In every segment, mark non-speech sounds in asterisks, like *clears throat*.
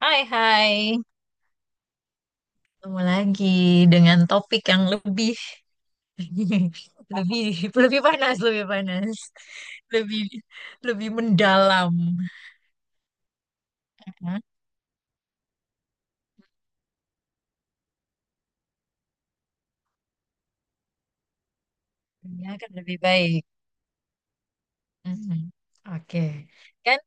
Hai, hai, ketemu lagi dengan topik yang lebih, *laughs* lebih lebih panas, lebih panas, lebih lebih mendalam. Hah? Ya kan lebih baik. Mhm. Oke. Kan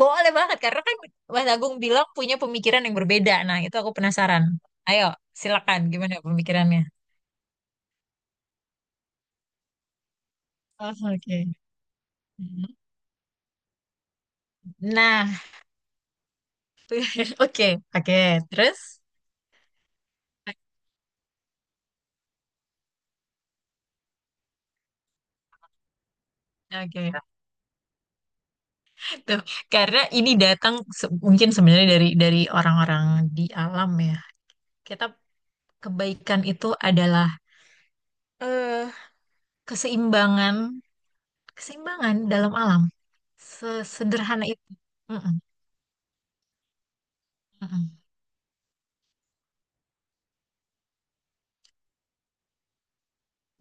boleh banget, karena kan Mas Agung bilang punya pemikiran yang berbeda. Nah, itu aku penasaran. Ayo, silakan, gimana pemikirannya? Oh, oke. Mhm. Nah, *laughs* oke, oke. Terus? Oke. Tuh, karena ini datang mungkin sebenarnya dari orang-orang di alam ya. Kita kebaikan itu adalah eh, keseimbangan, keseimbangan dalam alam. Sesederhana itu. Mm-mm, mm-mm.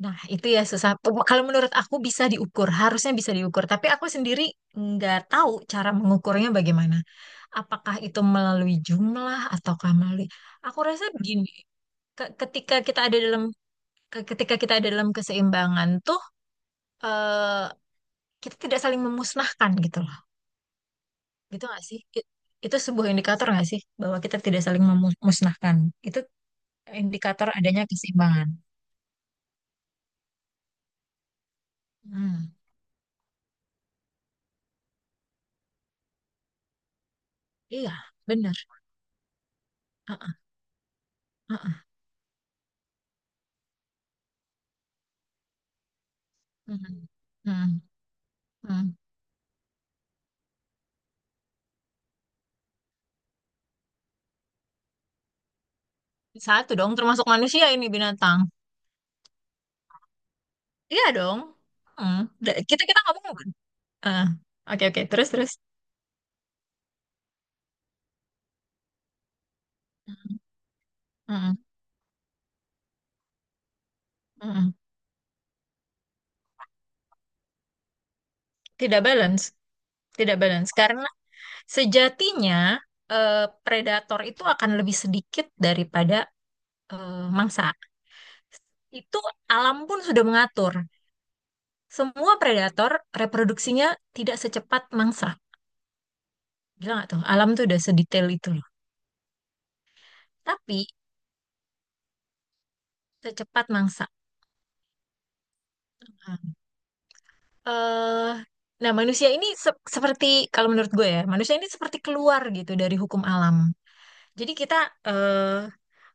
Nah, itu ya susah. Kalau menurut aku, bisa diukur, harusnya bisa diukur. Tapi aku sendiri nggak tahu cara mengukurnya bagaimana. Apakah itu melalui jumlah ataukah melalui... Aku rasa begini, ke- ketika kita ada dalam ketika kita ada dalam keseimbangan tuh, eh, kita tidak saling memusnahkan gitu loh. Gitu nggak sih? Itu sebuah indikator nggak sih bahwa kita tidak saling memusnahkan? Itu indikator adanya keseimbangan. Hmm, iya, benar. Heeh, heeh. Mhm, mhm, mhm. Satu dong, termasuk manusia ini binatang. Iya dong. Hmm. Kita kita ngomong. Ah, oke, oke. Terus, terus. Mm, mm, mm. Tidak balance, tidak balance karena sejatinya eh, predator itu akan lebih sedikit daripada mangsa. Itu, alam pun sudah mengatur. Semua predator reproduksinya tidak secepat mangsa. Gila nggak tuh? Alam tuh udah sedetail itu loh. Tapi secepat mangsa. Nah, eh, nah, manusia ini seperti, kalau menurut gue ya, manusia ini seperti keluar gitu dari hukum alam. Jadi kita eh,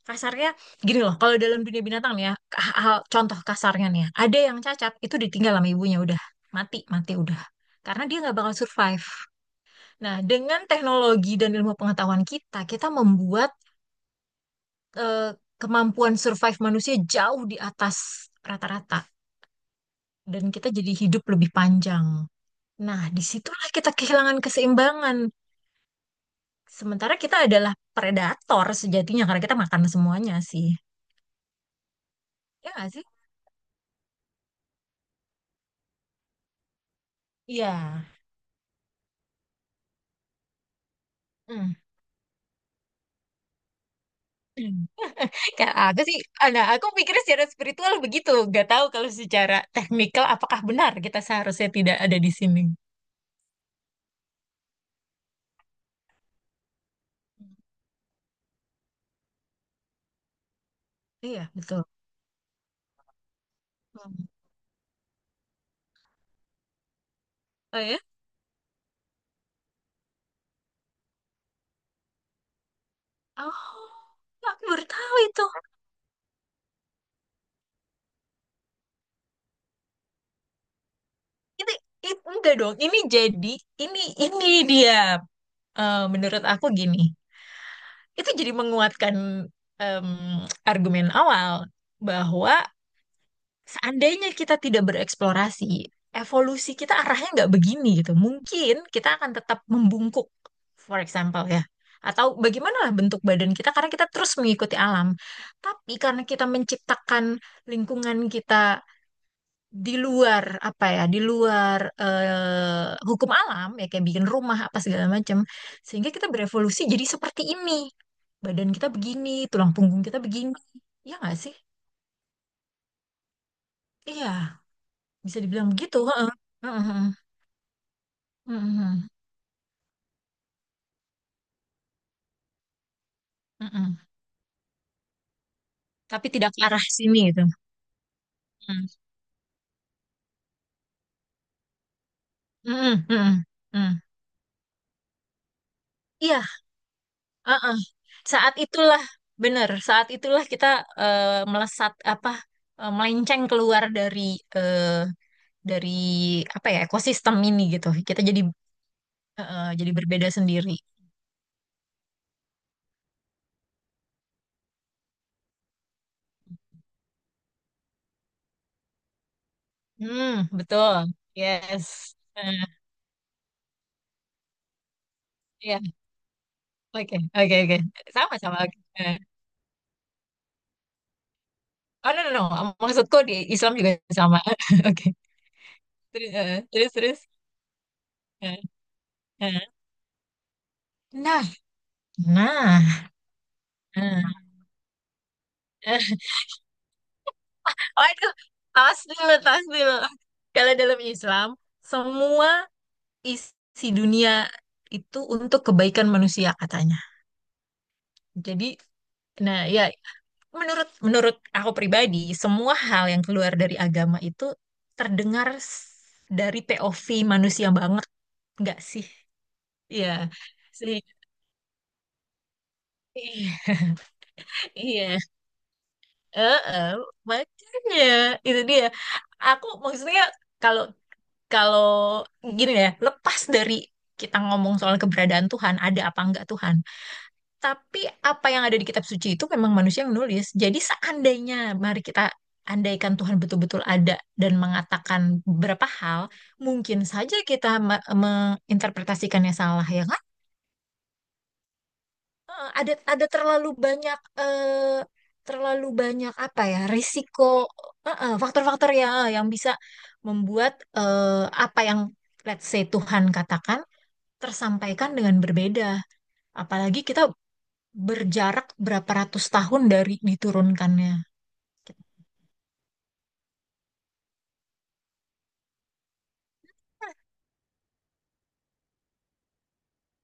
kasarnya gini loh, kalau dalam dunia binatang nih ya, ah, ah, contoh kasarnya nih ya, ada yang cacat itu ditinggal sama ibunya, udah mati, mati udah, karena dia nggak bakal survive. Nah, dengan teknologi dan ilmu pengetahuan kita, kita membuat eh, kemampuan survive manusia jauh di atas rata-rata, dan kita jadi hidup lebih panjang. Nah, disitulah kita kehilangan keseimbangan. Sementara kita adalah predator sejatinya, karena kita makan semuanya sih. Ya nggak sih? Iya. Hmm. *clears throat* Kayak aku sih, nah aku pikirnya secara spiritual begitu. Gak tahu kalau secara teknikal apakah benar kita seharusnya tidak ada di sini. Iya, betul. Hmm. Oh ya? Oh, aku baru tahu itu. Ini, enggak dong. Ini jadi, ini dia, menurut aku gini. Itu jadi menguatkan, em, argumen awal, bahwa seandainya kita tidak bereksplorasi, evolusi kita arahnya nggak begini gitu. Mungkin kita akan tetap membungkuk, for example ya. Atau bagaimana lah bentuk badan kita, karena kita terus mengikuti alam. Tapi karena kita menciptakan lingkungan kita di luar, apa ya di luar eh, hukum alam, ya kayak bikin rumah apa segala macam, sehingga kita berevolusi jadi seperti ini. Badan kita begini, tulang punggung kita begini, ya nggak sih? Iya, bisa dibilang begitu. Heeh. Heeh, heeh. Heeh, heeh. Heeh. Tapi tidak ke arah sini gitu. Heeh. Heeh, heeh, heeh. Iya, heeh. saat itulah Benar, saat itulah kita, eh, melesat apa melenceng keluar dari dari apa ya ekosistem ini gitu. Kita jadi, jadi berbeda sendiri. Hmm, betul. Yes. Eh, Iya. Oke, oke, oke. Sama, sama. Oke. Oh, no, no, no. Maksudku di Islam juga sama. *laughs* Oke. Terus, terus, terus. Eh, eh. Nah, nah. eh, eh. Waduh, tas dulu, tas dulu. Kalau dalam Islam, semua isi dunia itu untuk kebaikan manusia katanya. Jadi, nah ya, Menurut menurut aku pribadi, semua hal yang keluar dari agama itu terdengar dari POV manusia banget, nggak sih? Iya. Sih. Iya. Iya. Heeh. Makanya, itu dia. Aku maksudnya kalau kalau gini ya, lepas dari kita ngomong soal keberadaan Tuhan, ada apa enggak Tuhan? Tapi apa yang ada di kitab suci itu memang manusia yang nulis. Jadi seandainya, mari kita andaikan Tuhan betul-betul ada dan mengatakan beberapa hal, mungkin saja kita menginterpretasikannya salah, ya kan? Ada terlalu banyak, terlalu banyak apa ya risiko eh, eh, faktor-faktor ya, yang bisa membuat, apa yang let's say Tuhan katakan tersampaikan dengan berbeda. Apalagi kita berjarak berapa ratus tahun dari diturunkannya.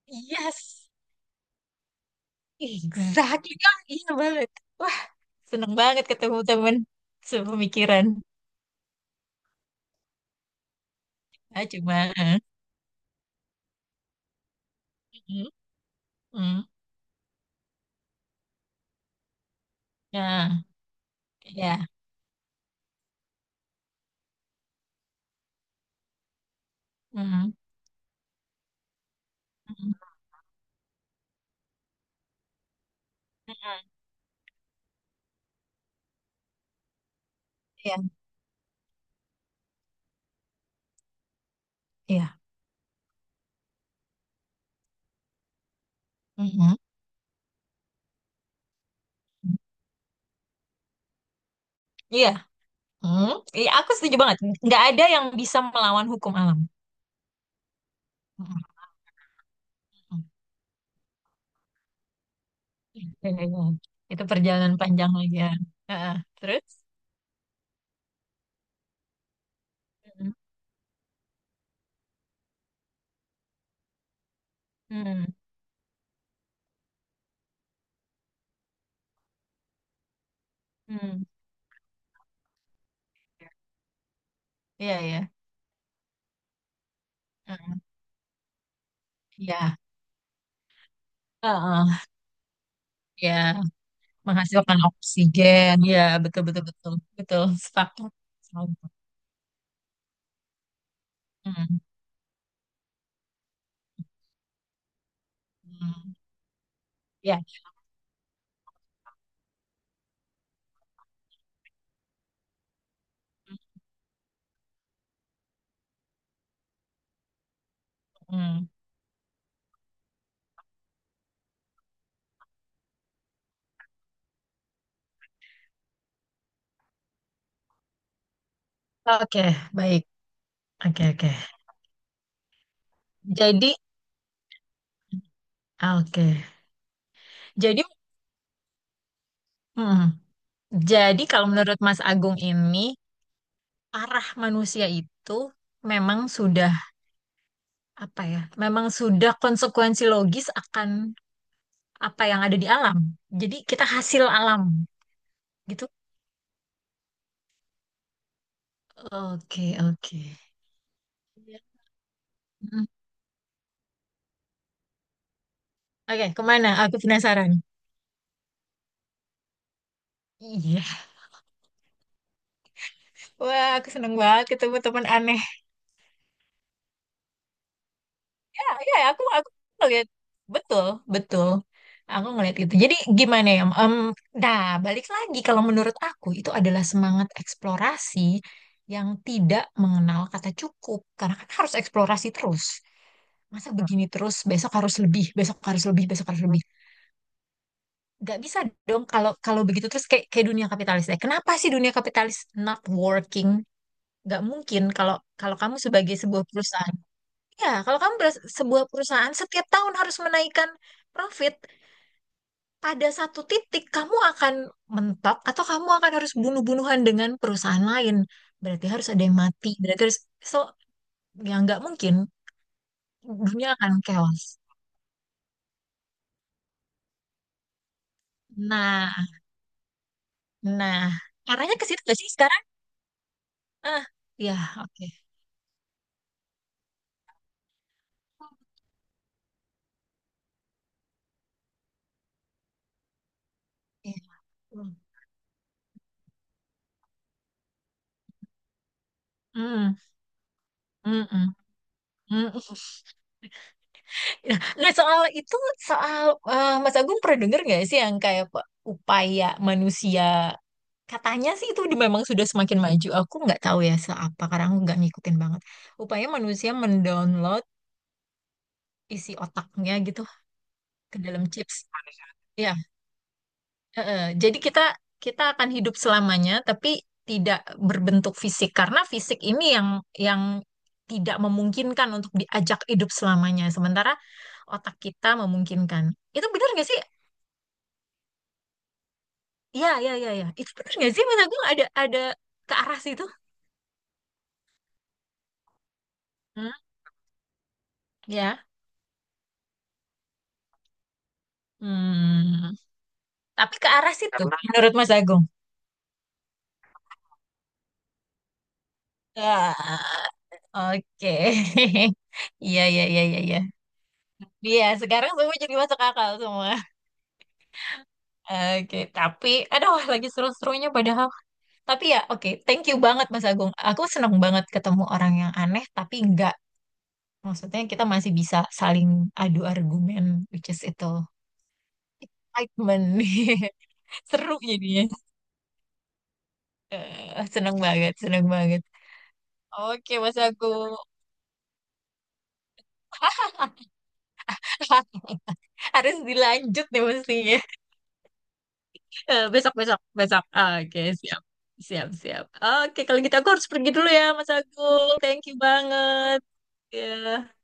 Yes, exact. Wah, seneng banget ketemu temen sepemikiran. Ah, cuma. Mm, mm. Ya, ya. Mm, mm, mm. Iya, iya. Mm. Iya. Mm. Iya, aku setuju banget. Nggak ada yang bisa melawan hukum alam. Mm, mm, mm. Iya, iya. Itu perjalanan panjang lagi ya. Ah, ah. Terus? Mm, mm, mm. Iya, iya. Mm. Iya. Ah, ah. Ya, menghasilkan oksigen. Ya, betul, betul, betul, betul. Sepakat. Sepakat. Hmm. Hmm. Ya. Hmm. Oke, baik. Oke, oke. Jadi, oke. Jadi, hmm. Jadi, kalau menurut Mas Agung ini, arah manusia itu memang sudah apa ya? Memang sudah konsekuensi logis akan apa yang ada di alam. Jadi kita hasil alam gitu. Oke, oke. Hmm. Oke, kemana? Aku penasaran. Iya. Wah, aku seneng banget ketemu teman aneh. Ya, ya, aku ngeliat betul, betul. Aku ngeliat itu. Jadi gimana ya? Nah, balik lagi, kalau menurut aku itu adalah semangat eksplorasi yang tidak mengenal kata cukup. Karena kan harus eksplorasi terus. Masa begini terus, besok harus lebih, besok harus lebih, besok harus lebih. Gak bisa dong kalau kalau begitu terus, kayak kayak dunia kapitalis ya. Kenapa sih dunia kapitalis not working? Gak mungkin kalau kalau kamu sebagai sebuah perusahaan. Ya, kalau kamu sebuah perusahaan setiap tahun harus menaikkan profit, pada satu titik kamu akan mentok, atau kamu akan harus bunuh-bunuhan dengan perusahaan lain. Berarti harus ada yang mati. Berarti harus, so ya nggak mungkin, dunia akan chaos. Nah, nah, arahnya ke situ nggak sih sekarang? Ah, ya, oke. Oke. Hmm, hmm, hmm, hmm, hmm. Nah, nah, soal itu, soal Mas Agung pernah dengar nggak sih yang kayak, upaya manusia, katanya sih itu memang sudah semakin maju. Aku nggak tahu ya seapa, karena aku nggak ngikutin banget. Upaya manusia mendownload isi otaknya gitu ke dalam chips. Ya, heeh. Jadi kita, akan hidup selamanya, tapi tidak berbentuk fisik, karena fisik ini yang, yang tidak memungkinkan untuk diajak hidup selamanya. Sementara otak kita memungkinkan. Itu benar nggak sih? Iya, iya, iya, iya. Itu bener nggak sih Pentagon ada, ke arah situ? Hmm, ya. Hmm. Tapi ke arah situ menurut Mas Agung. Ah, oke. *laughs* Iya, iya, iya, iya, iya. Iya, sekarang semua jadi masuk akal semua. Oke, tapi aduh, lagi seru-serunya padahal. Tapi ya, oke, thank you banget Mas Agung. Aku seneng banget ketemu orang yang aneh, tapi enggak. Maksudnya kita masih bisa saling adu argumen, which is itu excitement. *laughs* Seru jadinya. Seneng banget, seneng banget. Oke, Mas, aku *laughs* harus dilanjut nih mestinya. Besok, besok, besok. Oke, siap, siap, siap. Oke, kalau gitu aku harus pergi dulu ya, Mas, aku thank you banget. Ya.